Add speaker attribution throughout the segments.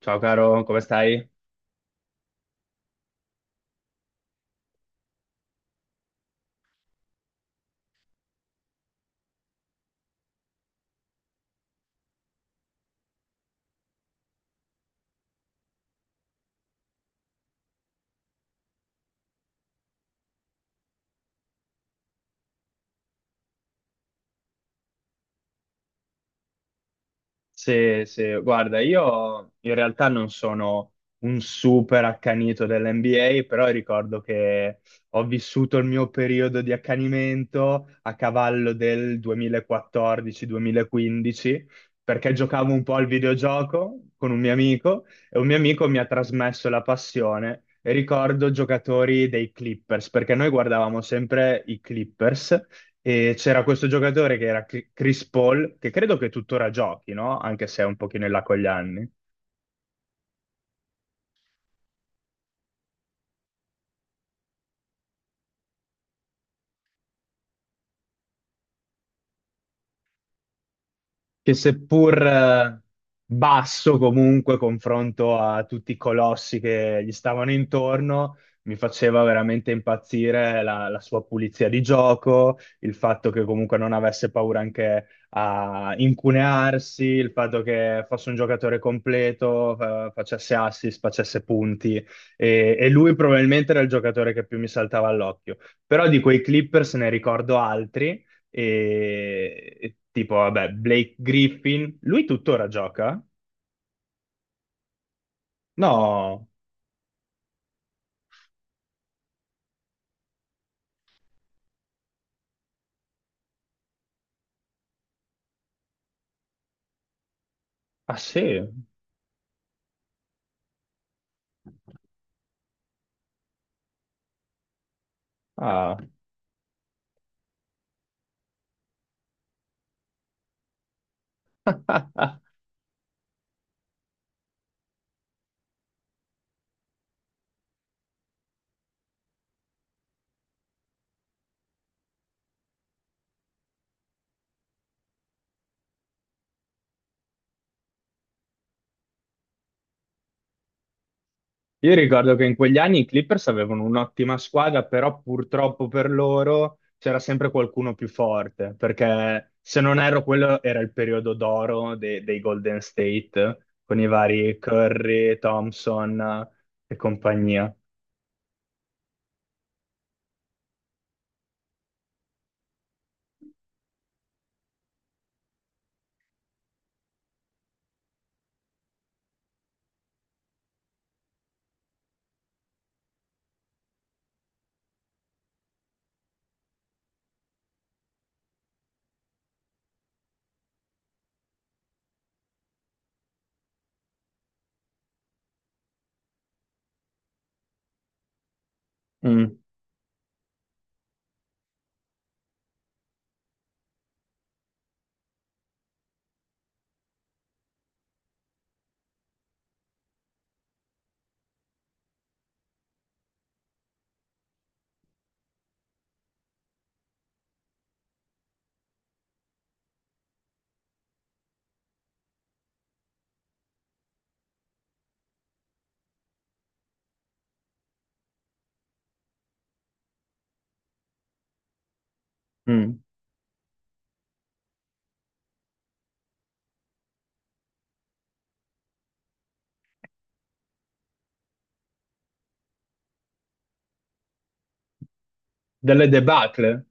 Speaker 1: Ciao caro, come stai? Guarda, io in realtà non sono un super accanito dell'NBA, però ricordo che ho vissuto il mio periodo di accanimento a cavallo del 2014-2015, perché giocavo un po' al videogioco con un mio amico e un mio amico mi ha trasmesso la passione. E ricordo giocatori dei Clippers, perché noi guardavamo sempre i Clippers. E c'era questo giocatore che era Chris Paul, che credo che tuttora giochi, no? Anche se è un pochino in là con gli anni. Che seppur basso comunque confronto a tutti i colossi che gli stavano intorno, mi faceva veramente impazzire la sua pulizia di gioco, il fatto che comunque non avesse paura anche a incunearsi, il fatto che fosse un giocatore completo, facesse assist, facesse punti e lui probabilmente era il giocatore che più mi saltava all'occhio. Però di quei Clippers ne ricordo altri e tipo, vabbè, Blake Griffin, lui tuttora gioca? No, ah sì, ah. Io ricordo che in quegli anni i Clippers avevano un'ottima squadra, però purtroppo per loro c'era sempre qualcuno più forte, perché se non ero quello era il periodo d'oro dei Golden State, con i vari Curry, Thompson e compagnia. Mm, mm. Delle debacle?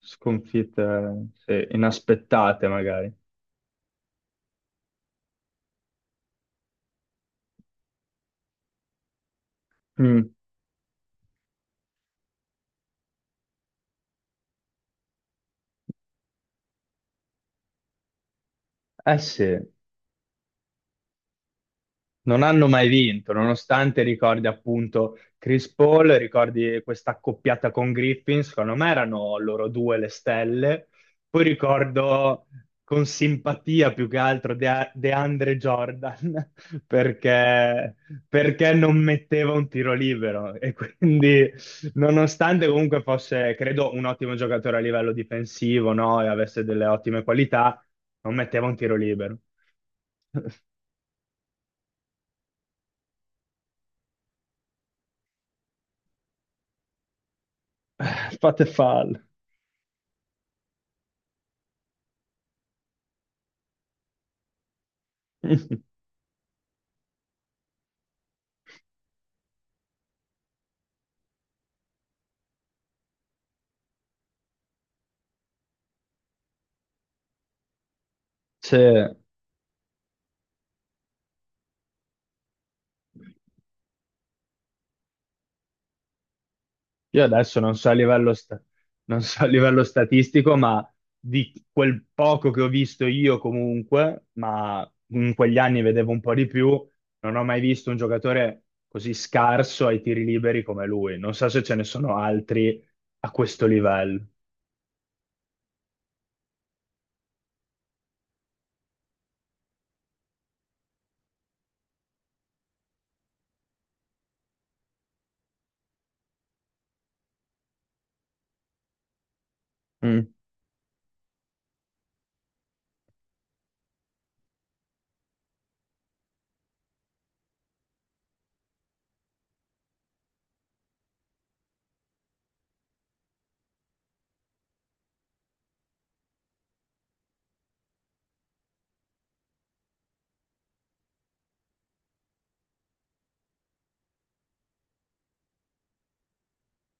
Speaker 1: Sconfitte, sì, inaspettate magari. Mm. Eh sì, non hanno mai vinto, nonostante ricordi appunto Chris Paul, ricordi questa accoppiata con Griffin, secondo me erano loro due le stelle. Poi ricordo con simpatia più che altro DeAndre Jordan, perché, perché non metteva un tiro libero e quindi nonostante comunque fosse, credo, un ottimo giocatore a livello difensivo, no? E avesse delle ottime qualità, non metteva un tiro libero. Fate fallo. Se- Io adesso non so a livello, non so a livello statistico, ma di quel poco che ho visto io comunque, ma in quegli anni vedevo un po' di più, non ho mai visto un giocatore così scarso ai tiri liberi come lui. Non so se ce ne sono altri a questo livello. Mm.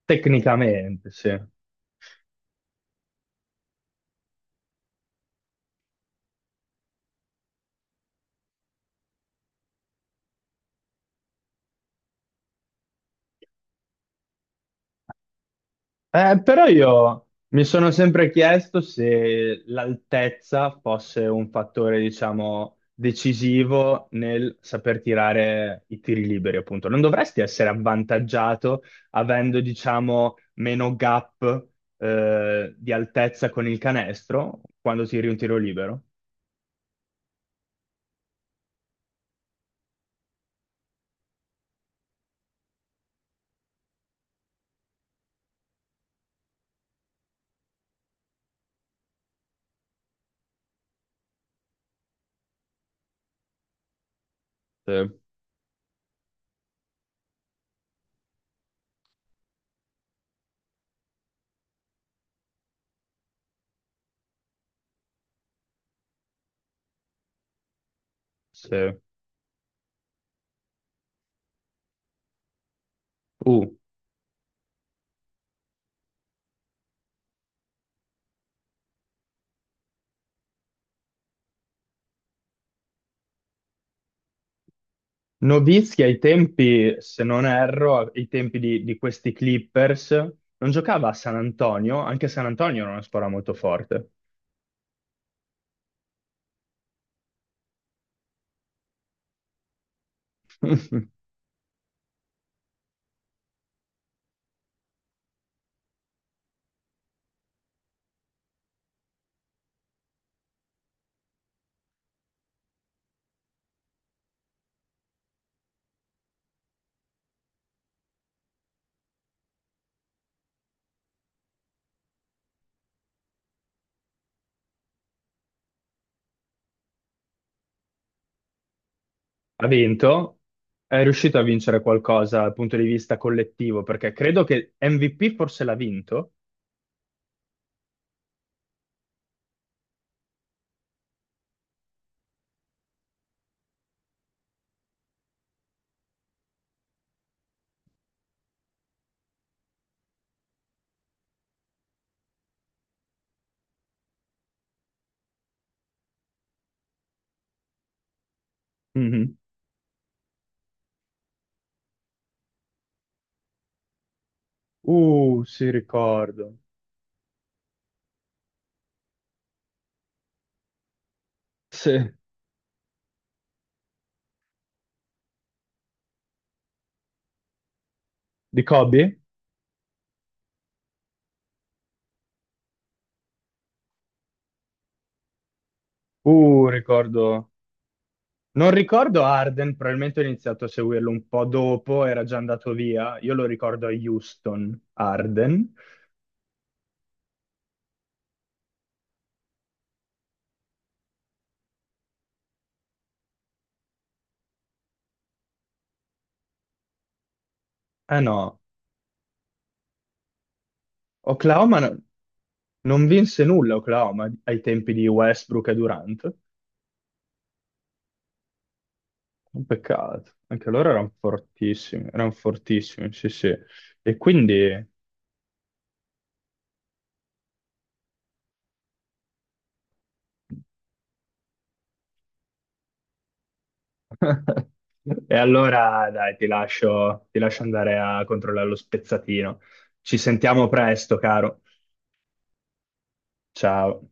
Speaker 1: Tecnicamente, sì. Però io mi sono sempre chiesto se l'altezza fosse un fattore, diciamo, decisivo nel saper tirare i tiri liberi, appunto. Non dovresti essere avvantaggiato avendo, diciamo, meno gap, di altezza con il canestro quando tiri un tiro libero? Sì, sì. Uh. Nowitzki ai tempi, se non erro, ai tempi di questi Clippers, non giocava a San Antonio, anche San Antonio era una squadra molto forte. Ha vinto, è riuscito a vincere qualcosa dal punto di vista collettivo, perché credo che MVP forse l'ha vinto. Mhm. Sì, ricordo. Sì. Di Kobe? Ricordo. Non ricordo Arden, probabilmente ho iniziato a seguirlo un po' dopo, era già andato via. Io lo ricordo a Houston, Arden. Eh no, Oklahoma no- non vinse nulla Oklahoma ai tempi di Westbrook e Durant. Un peccato, anche loro erano fortissimi, sì sì. E quindi... E allora dai, ti lascio andare a controllare lo spezzatino. Ci sentiamo presto, caro. Ciao.